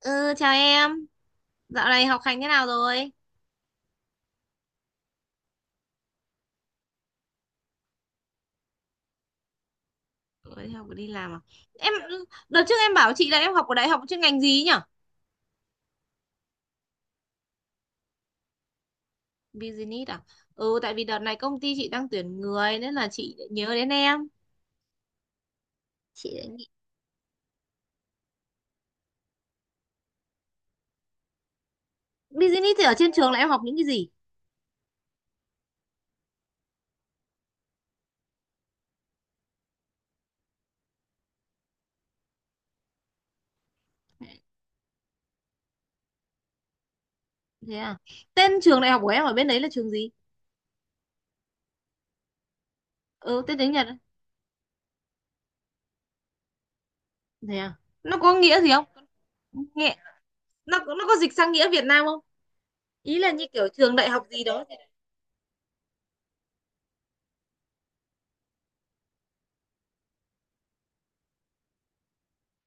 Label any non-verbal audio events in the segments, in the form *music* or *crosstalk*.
Ừ, chào em. Dạo này học hành thế nào rồi? Ôi, đi học đi làm à? Em đợt trước em bảo chị là em học ở đại học chuyên ngành gì ấy nhở? Business à? Ừ, tại vì đợt này công ty chị đang tuyển người nên là chị lại nhớ đến em. Chị lại nghĩ business thì ở trên trường là em học những cái gì? Thế à? Tên trường đại học của em ở bên đấy là trường gì? Ừ, tên tiếng Nhật á. Thế à? Nó có nghĩa gì không? Nghe nó có dịch sang nghĩa Việt Nam không? Ý là như kiểu trường đại học gì đó.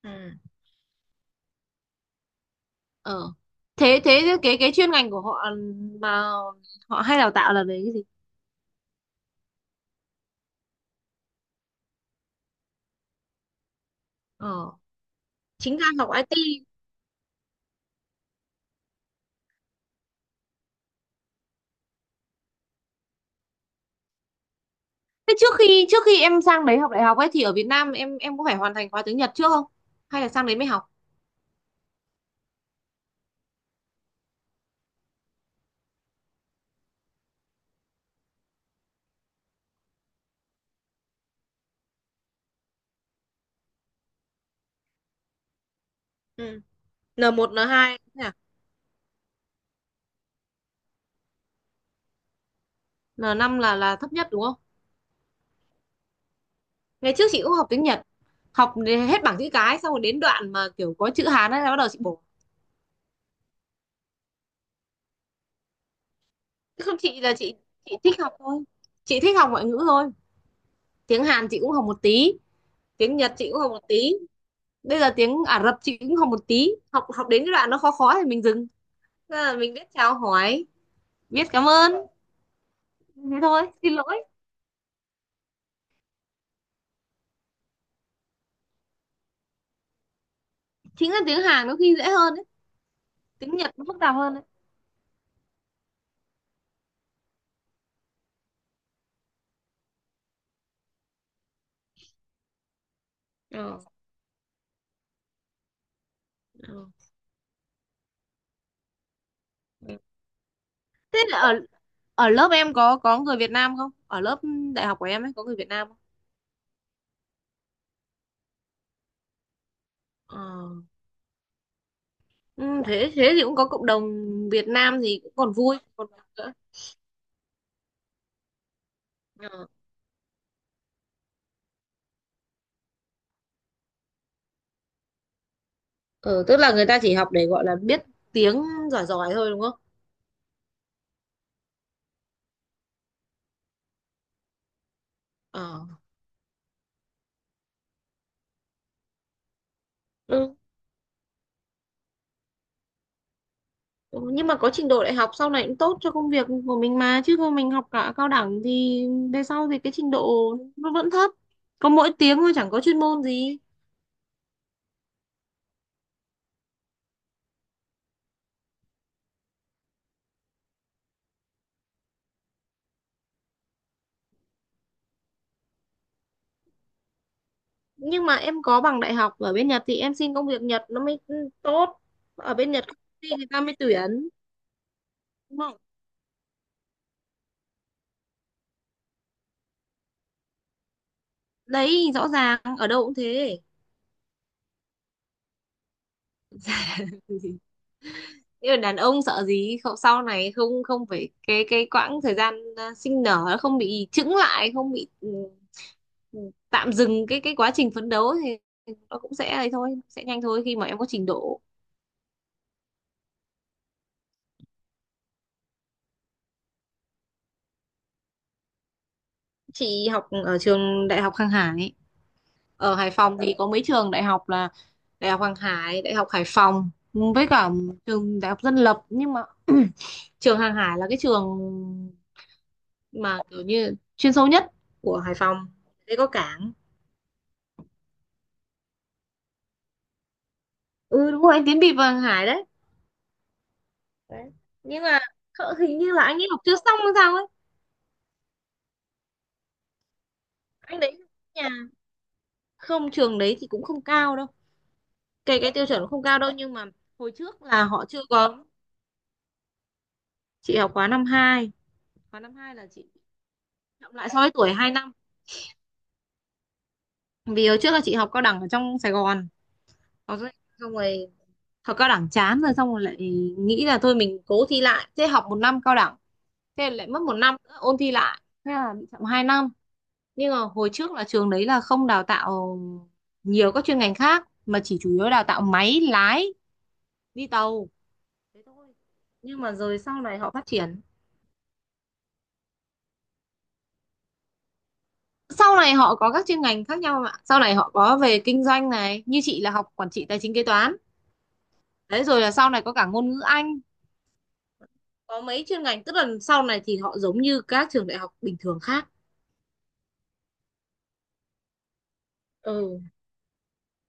À. ờ thế thế cái chuyên ngành của họ mà họ hay đào tạo là về cái gì? Ờ chính ra học IT. Thế trước khi trước khi em sang đấy học đại học ấy thì ở Việt Nam em có phải hoàn thành khóa tiếng Nhật trước không, hay là sang đấy mới học? Ừ. N1, N2 thế à? N5 là thấp nhất đúng không? Ngày trước chị cũng học tiếng Nhật, học đến hết bảng chữ cái xong rồi đến đoạn mà kiểu có chữ Hán ấy là bắt đầu chị bổ. Chứ không, chị thích học thôi, chị thích học ngoại ngữ thôi. Tiếng Hàn chị cũng học một tí, tiếng Nhật chị cũng học một tí, bây giờ tiếng Ả Rập chị cũng học một tí. Học học đến cái đoạn nó khó khó thì mình dừng. Thế là mình biết chào hỏi, biết cảm ơn, thế thôi, xin lỗi. Chính là tiếng Hàn có khi dễ hơn ấy. Tiếng Nhật nó phức tạp hơn đấy. Ờ, ờ. Thế là ở ở lớp em có người Việt Nam không, ở lớp đại học của em ấy có người Việt Nam không? Ờ, ừ, thế thế thì cũng có cộng đồng Việt Nam thì cũng còn vui, còn vui nữa. Ờ. Ờ, tức là người ta chỉ học để gọi là biết tiếng, giỏi giỏi thôi đúng không? Ờ. Ừ, ừ, nhưng mà có trình độ đại học sau này cũng tốt cho công việc của mình mà, chứ không mình học cả cao đẳng thì về sau thì cái trình độ nó vẫn thấp, có mỗi tiếng thôi chẳng có chuyên môn gì. Nhưng mà em có bằng đại học ở bên Nhật thì em xin công việc Nhật nó mới tốt, ở bên Nhật công ty người ta mới tuyển, đúng không? Đấy, rõ ràng ở đâu cũng thế. *laughs* Nhưng là đàn ông sợ gì, không sau này không không phải cái quãng thời gian à, sinh nở nó không bị chững lại, không bị ừ, tạm dừng cái quá trình phấn đấu thì nó cũng sẽ ấy thôi, sẽ nhanh thôi khi mà em có trình độ. Chị học ở trường đại học Hàng Hải. Ở Hải Phòng thì có mấy trường đại học là đại học Hàng Hải, đại học Hải Phòng, với cả trường đại học dân lập, nhưng mà *clears throat* trường Hàng Hải là cái trường mà kiểu như chuyên sâu nhất của Hải Phòng đấy, có cảng. Ừ, đúng rồi, anh Tiến bị Vàng Hải đấy. Đấy. Nhưng mà hình như là anh ấy học chưa xong hay sao ấy. Anh đấy nhà... Không, trường đấy thì cũng không cao đâu, cái tiêu chuẩn cũng không cao đâu, nhưng mà hồi trước là họ chưa có. Chị học khóa 52, khóa năm 2 là chị chậm lại so với tuổi 2 năm, vì hồi trước là chị học cao đẳng ở trong Sài Gòn. Có rồi- Xong rồi học cao đẳng chán rồi, xong rồi lại nghĩ là thôi mình cố thi lại, thế học một năm cao đẳng, thế lại mất một năm nữa ôn thi lại, thế là bị chậm 2 năm. Nhưng mà hồi trước là trường đấy là không đào tạo nhiều các chuyên ngành khác mà chỉ chủ yếu đào tạo máy lái đi tàu thế thôi. Nhưng mà rồi sau này họ phát triển, sau này họ có các chuyên ngành khác nhau em ạ, sau này họ có về kinh doanh này, như chị là học quản trị tài chính kế toán đấy, rồi là sau này có cả ngôn ngữ Anh, có mấy chuyên ngành, tức là sau này thì họ giống như các trường đại học bình thường khác. Ừ,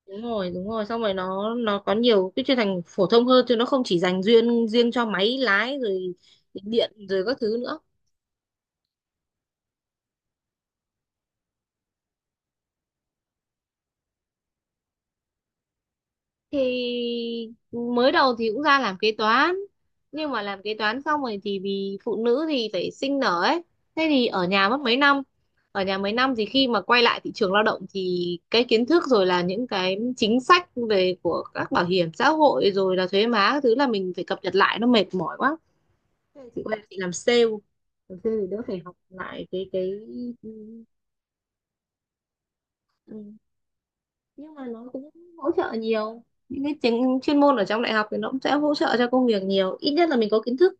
đúng rồi đúng rồi, xong rồi nó có nhiều cái chuyên ngành phổ thông hơn, chứ nó không chỉ dành riêng riêng cho máy lái rồi, điện rồi các thứ nữa. Thì mới đầu thì cũng ra làm kế toán, nhưng mà làm kế toán xong rồi thì vì phụ nữ thì phải sinh nở ấy, thế thì ở nhà mất mấy năm. Ở nhà mấy năm thì khi mà quay lại thị trường lao động thì cái kiến thức rồi là những cái chính sách về của các bảo hiểm xã hội rồi là thuế má các thứ là mình phải cập nhật lại, nó mệt mỏi quá. Thế chị quay chị làm sale, làm sale thì đỡ phải học lại cái ừ, ừ. Nhưng mà nó cũng hỗ trợ nhiều, những cái chính chuyên môn ở trong đại học thì nó cũng sẽ hỗ trợ cho công việc nhiều, ít nhất là mình có kiến thức.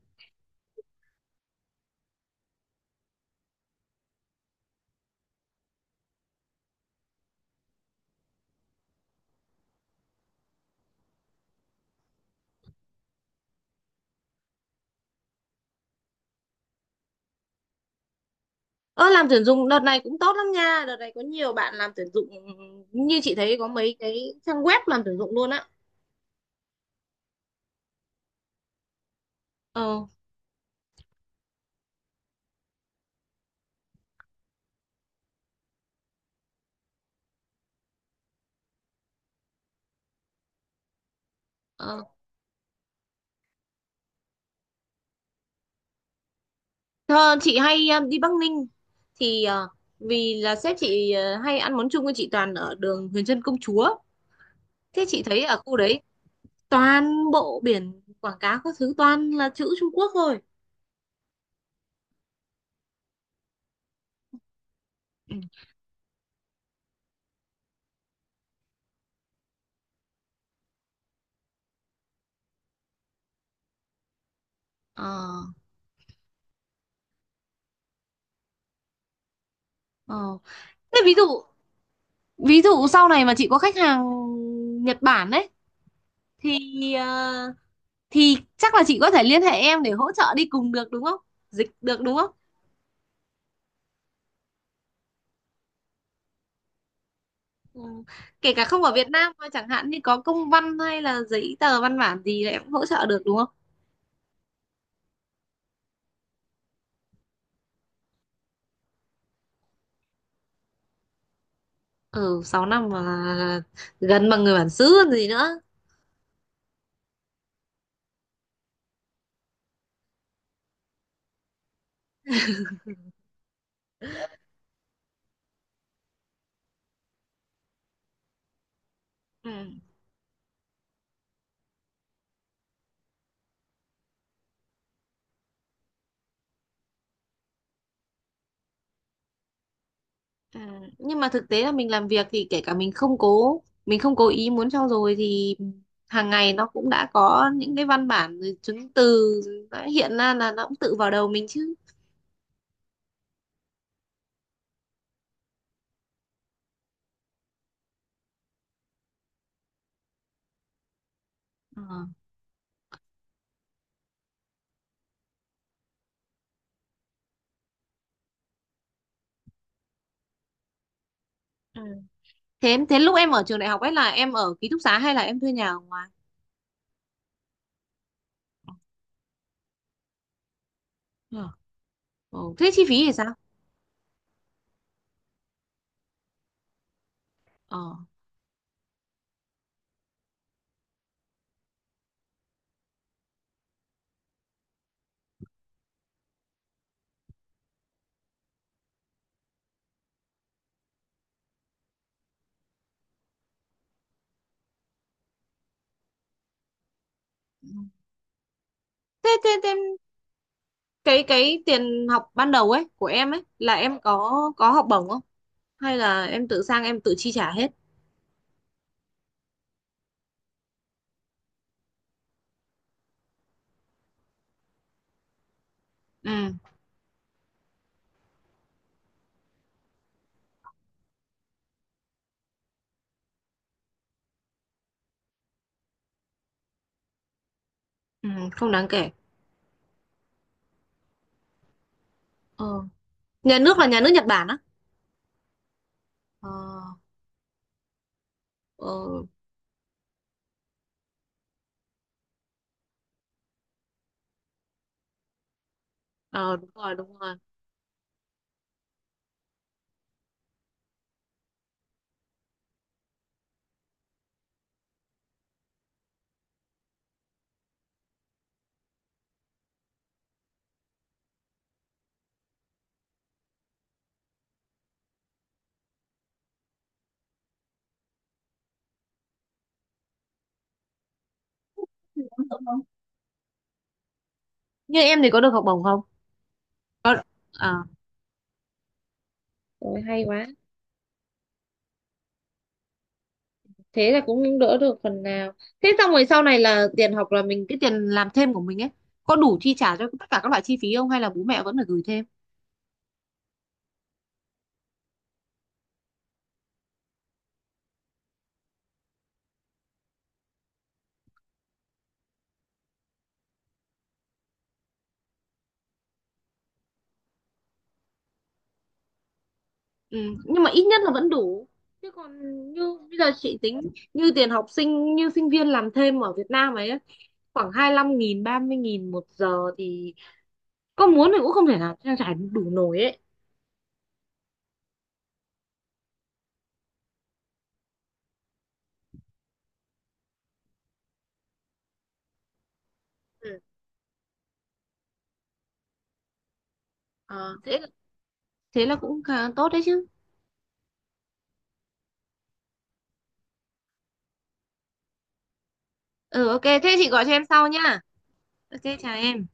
Ơ, làm tuyển dụng đợt này cũng tốt lắm nha, đợt này có nhiều bạn làm tuyển dụng, như chị thấy có mấy cái trang web làm tuyển dụng luôn á. Ờ. Ờ. Thơ, chị hay đi Bắc Ninh thì vì là sếp chị hay ăn món chung với chị toàn ở đường Huyền Trân Công Chúa. Thế chị thấy ở khu đấy toàn bộ biển quảng cáo các thứ toàn là chữ Trung Quốc thôi. Ừ. Ờ, ờ. Thế ví dụ, sau này mà chị có khách hàng Nhật Bản đấy thì ờ, thì chắc là chị có thể liên hệ em để hỗ trợ đi cùng được đúng không? Dịch được đúng không? Ừ. Kể cả không ở Việt Nam mà chẳng hạn như có công văn hay là giấy tờ văn bản gì là em cũng hỗ trợ được đúng không? Ừ, 6 năm mà gần bằng người bản xứ còn gì nữa. Ừ. À, nhưng mà thực tế là mình làm việc thì kể cả mình không cố, mình không cố ý muốn trau dồi thì hàng ngày nó cũng đã có những cái văn bản rồi chứng từ đã hiện ra là nó cũng tự vào đầu mình chứ. Ờ. Ừ. Thế thế lúc em ở trường đại học ấy là em ở ký túc xá hay là em thuê nhà ở ngoài? Ờ. Ờ, thế chi phí thì sao? Ờ. Ừ. thế thế, thế cái tiền học ban đầu ấy của em ấy là em có học bổng không, hay là em tự sang em tự chi trả hết? Ừ. Ừ, không đáng kể. Ờ. Nhà nước là nhà nước Nhật Bản. ờ ờ ờ, Đúng rồi, đúng rồi. Như em thì có được học bổng không? Có à? Ôi hay quá. Thế là cũng đỡ được phần nào. Thế xong rồi sau này là tiền học là mình, cái tiền làm thêm của mình ấy có đủ chi trả cho tất cả các loại chi phí không, hay là bố mẹ vẫn phải gửi thêm? Ừ. Nhưng mà ít nhất là vẫn đủ, chứ còn như bây giờ chị tính, như tiền học sinh, như sinh viên làm thêm ở Việt Nam ấy khoảng 25.000, 30.000 một giờ thì có muốn thì cũng không thể nào trang trải đủ nổi ấy. Ừ. Ờ, thế thế là cũng khá tốt đấy chứ. Ừ, ok thế chị gọi cho em sau nhá. Ok, chào em.